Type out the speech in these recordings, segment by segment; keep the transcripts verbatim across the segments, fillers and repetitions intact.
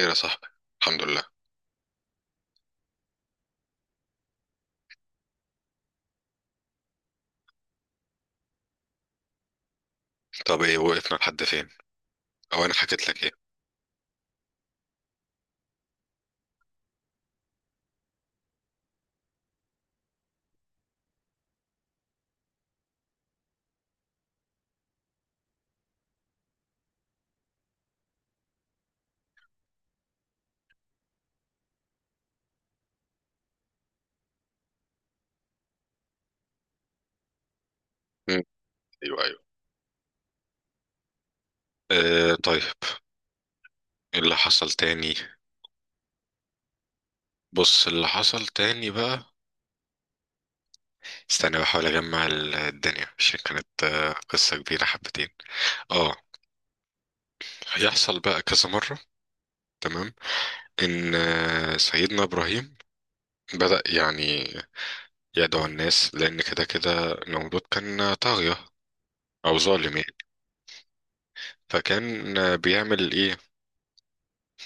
خير يا صاحبي، الحمد لله. طب ايه وقفنا لحد فين؟ او انا حكيت لك ايه؟ مم. ايوه ايوه، آه طيب. إيه اللي حصل تاني؟ بص اللي حصل تاني بقى. استنى بحاول اجمع ال- الدنيا عشان كانت آه، قصة كبيرة حبتين. اه، هيحصل بقى كذا مرة، تمام. ان آه، سيدنا ابراهيم بدأ يعني يدعو الناس، لان كده كده نمرود كان طاغية او ظالم يعني. فكان آه، بيعمل ايه؟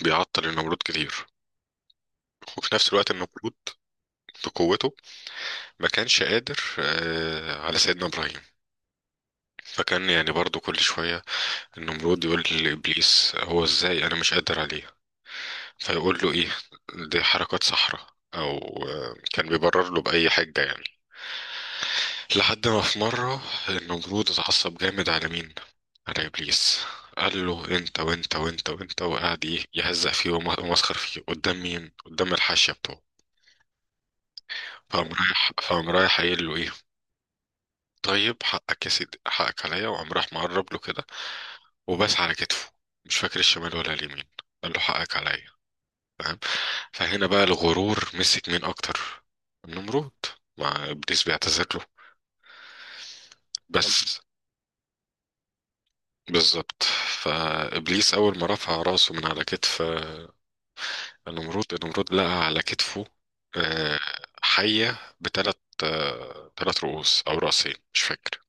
بيعطل النمرود كتير، وفي نفس الوقت النمرود لقوته ما كانش قادر آه، على سيدنا إبراهيم. فكان يعني برضو كل شوية النمرود يقول لإبليس، هو إزاي أنا مش قادر عليه؟ فيقول له إيه؟ دي حركات صحراء، أو آه، كان بيبرر له بأي حجة يعني. لحد ما في مرة النمرود اتعصب جامد على مين؟ على إبليس. قال له انت وانت وانت وانت، وقعد ايه، يهزق فيه وم- ومسخر فيه قدام مين؟ قدام الحاشيه بتوعه. فقام رايح فقام رايح قايل له ايه؟ طيب حقك يا سيدي، حقك عليا. وقام راح مقرب له كده، وبس على كتفه، مش فاكر الشمال ولا اليمين، قال له حقك عليا، فاهم؟ فهنا بقى الغرور مسك مين اكتر؟ النمرود، مع ابليس بيعتذر له، بس. بالظبط. فابليس اول ما رفع راسه من على كتف آه، النمرود النمرود لقى على كتفه، آه، حية بثلاث، ثلاث رؤوس او راسين مش فاكر.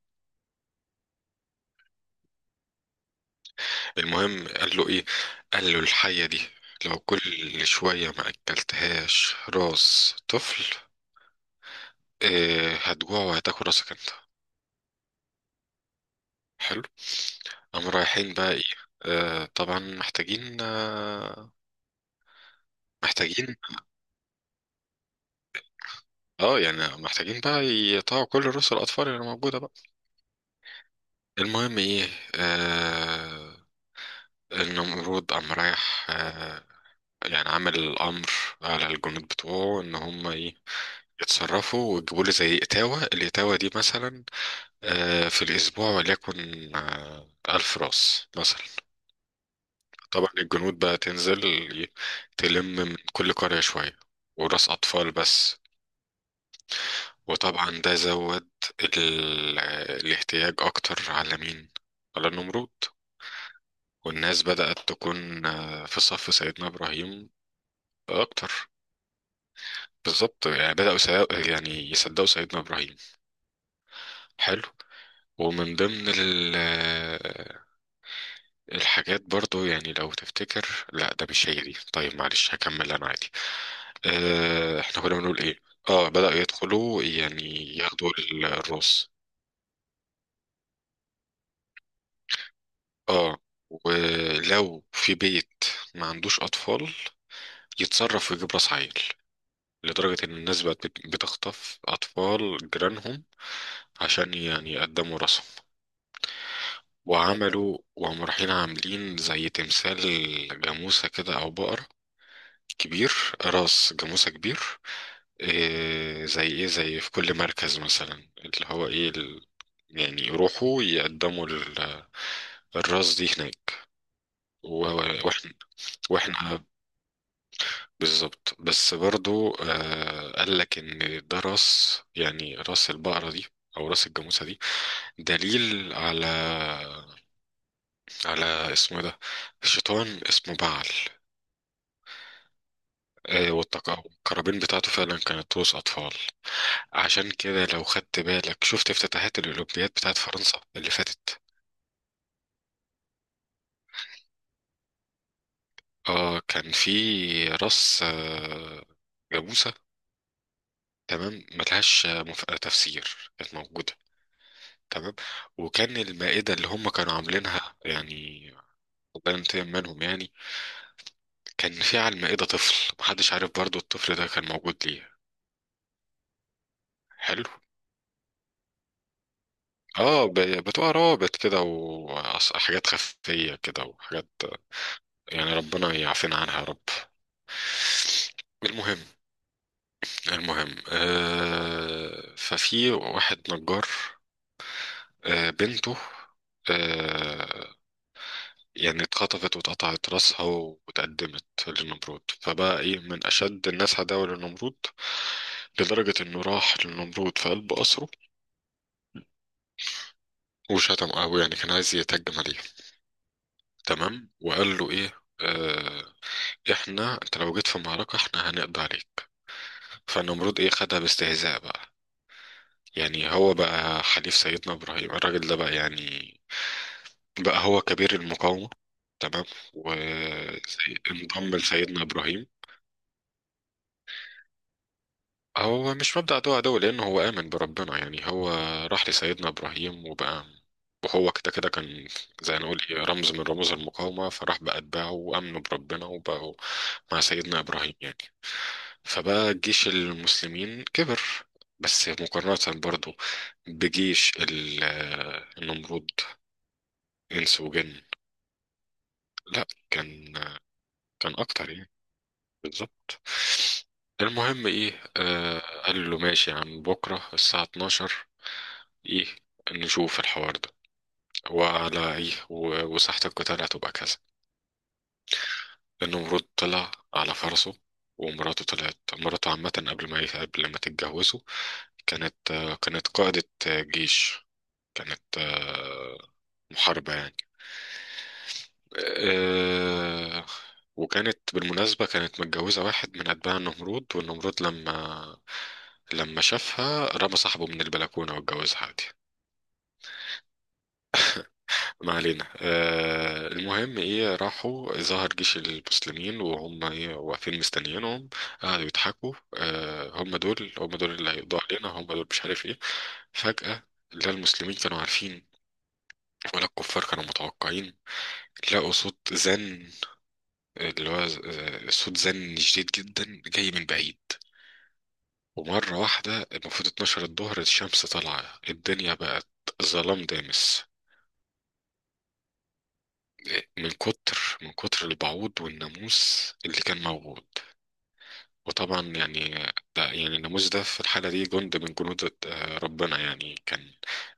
المهم قال له ايه؟ قال له الحية دي لو كل شوية ما اكلتهاش راس طفل، إيه، هتجوع وهتاكل راسك انت. حلو. قام رايحين بقى ايه؟ آه طبعا محتاجين آه، محتاجين. اه يعني محتاجين بقى يقطعوا كل رؤوس الاطفال اللي موجودة بقى. المهم ايه؟ آه، النمرود قام رايح آه، يعني عمل الامر على الجنود بتوعه ان هم ايه، يتصرفوا ويجيبوا لي زي اتاوه، الاتاوه دي مثلا آه، في الاسبوع، وليكن آه، الف راس مثلا. طبعا الجنود بقى تنزل، ي- تلم من كل قريه شويه، وراس اطفال بس. وطبعا ده زود ال... الاحتياج اكتر على مين؟ على النمرود. والناس بدأت تكون آه، في صف سيدنا ابراهيم اكتر. بالظبط، يعني بدأوا سي... يعني يصدقوا سيدنا ابراهيم. حلو. ومن ضمن ال الحاجات برضو يعني لو تفتكر، لا ده مش هي دي، طيب معلش هكمل انا عادي. اه احنا كنا بنقول ايه؟ اه بدأوا يدخلوا يعني ياخدوا ال- الراس. اه، ولو في بيت ما عندوش اطفال، يتصرف ويجيب راس عيل. لدرجة ان الناس بقت بت- بتخطف اطفال جيرانهم عشان يعني يقدموا راسهم. وعملوا وهم رايحين، عاملين زي تمثال جاموسة كده او بقرة كبير، راس جاموسة كبير، إيه زي ايه، زي في كل مركز مثلا اللي هو ايه ال... يعني يروحوا يقدموا ال... الراس دي هناك، و... واحنا، واحنا بالظبط. بس برضو آه قال لك ان ده راس، يعني راس البقرة دي او راس الجاموسة دي دليل على، على اسمه إيه ده، شيطان اسمه بعل. آه، والتق- والقرابين بتاعته فعلا كانت رؤوس اطفال. عشان كده لو خدت بالك، شفت افتتاحات الأولمبياد بتاعت فرنسا اللي فاتت، اه كان في رأس آه، جاموسة. تمام، ملهاش آه، مف- آه، تفسير، كانت موجودة. تمام. وكان المائدة اللي هم كانوا عاملينها يعني، الله ينتقم منهم يعني، كان في على المائدة طفل، محدش عارف برضو الطفل ده كان موجود ليه. حلو. اه ب- بتوع روابط كده، وحاجات خفية كده وحاجات، يعني ربنا يعافينا عنها يا رب. المهم، المهم آه ففي واحد نجار، آه بنته، آه يعني اتخطفت واتقطعت راسها واتقدمت للنمرود، فبقى ايه، من اشد الناس عداوة للنمرود، لدرجة انه راح للنمرود في قلب قصره، وشتم قوي يعني كان عايز يتهجم عليه. تمام. وقال له ايه، آه، احنا انت لو جيت في المعركة احنا هنقضي عليك. فالنمرود ايه، خدها باستهزاء بقى، يعني هو بقى حليف سيدنا ابراهيم الراجل ده بقى يعني، بقى هو كبير المقاومة، تمام. وانضم لسيدنا إبراهيم. هو مش مبدأ عدو عدو، لأنه هو آمن بربنا، يعني هو راح لسيدنا إبراهيم وبقى، وهو كده كده كان زي ما نقول إيه، رمز من رموز المقاومة، فراح بأتباعه وآمنوا بربنا وبقوا مع سيدنا إبراهيم يعني. فبقى جيش المسلمين كبر، بس مقارنة برضو بجيش ال- النمرود، إنس وجن، لا كان، كان أكتر يعني، بالظبط. المهم ايه، آه قال له ماشي يا عم، بكرة الساعة اتناشر ايه، نشوف الحوار ده، وعلى ايه و- وساحة القتال هتبقى كذا. النمرود طلع على فرسه، ومراته طلعت، مراته عامة قبل ما قبل ما تتجوزوا كانت آه، كانت قائدة آه، جيش، كانت آه، محاربة يعني، آه، وكانت بالمناسبة كانت متجوزة واحد من أتباع النمرود، والنمرود لما لما شافها رمى صاحبه من البلكونة واتجوزها عادي. ما علينا، آه، المهم ايه، راحوا ظهر جيش المسلمين وهم ايه واقفين مستنيينهم، قعدوا يضحكوا، آه، هم دول، هم دول اللي هيقضوا علينا، هم دول مش عارف ايه. فجأة لا المسلمين كانوا عارفين ولا الكفار كانوا متوقعين، لقوا صوت زن، اللي هو ز- آه، صوت زن شديد جدا جاي من بعيد. ومرة واحدة، المفروض اتناشر الظهر، الشمس طالعة، الدنيا بقت ظلام دامس، من كتر من كتر البعوض والناموس اللي كان موجود. وطبعا يعني ده يعني الناموس ده في الحالة دي جند من جنود آه، ربنا يعني، كان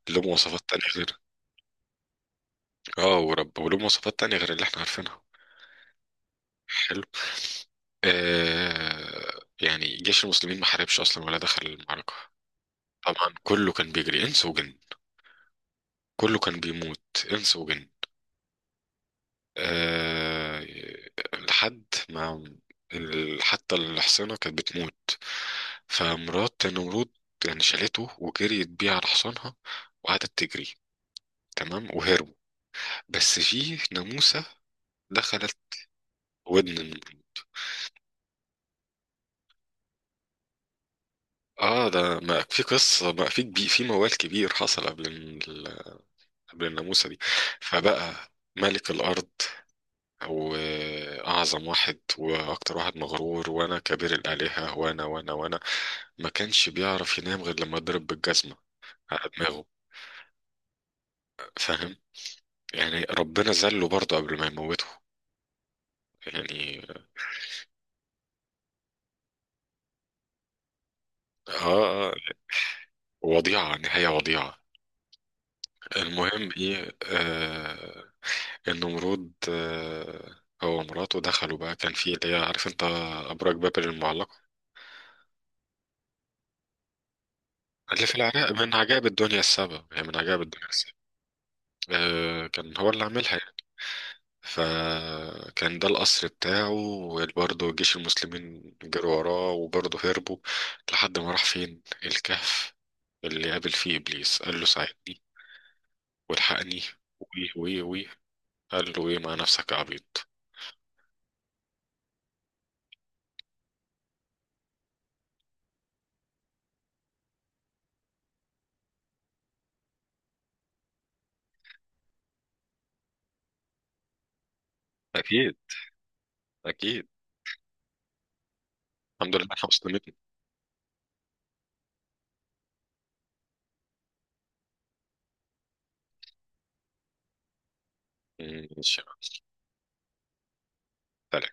له مواصفات تانية غير، اه ورب وله مواصفات تانية غير اللي احنا عارفينها. حلو. آه يعني جيش المسلمين ما حاربش اصلا ولا دخل المعركة، طبعا كله كان بيجري، انس وجن، كله كان بيموت، انس وجن. أه لحد ما ال- حتى الحصانة كانت بتموت. فمرات نمرود يعني شالته وجريت بيه على حصانها، وقعدت تجري، تمام وهربوا. بس في ناموسة دخلت ودن النمر. اه، ده ما في قصة ما في كبير، في موال كبير حصل قبل ال- قبل الناموسة دي، فبقى ملك الأرض وأعظم واحد وأكتر واحد مغرور، وأنا كبير الآلهة وأنا وأنا وأنا، ما كانش بيعرف ينام غير لما يضرب بالجزمة على دماغه، فاهم؟ يعني ربنا ذله برضه قبل ما يموته يعني. آه آه، وضيعة، نهاية وضيعة. المهم إيه، آه النمرود آه هو ومراته دخلوا بقى، كان في اللي هي عارف أنت، أبراج بابل المعلقة، اللي في العراق من عجائب الدنيا السبع، يعني من عجائب الدنيا السبع، آه، كان هو اللي عاملها. فكان ده القصر بتاعه، وبرضه جيش المسلمين جروا وراه، وبرضه هربوا لحد ما راح فين، الكهف اللي قابل فيه إبليس، قال له ساعدني والحقني، ويه ويه ويه. قال له ايه، مع نفسك يا عبيط. أكيد، أكيد، الحمد لله احنا مسلمين. ماشي. سلام.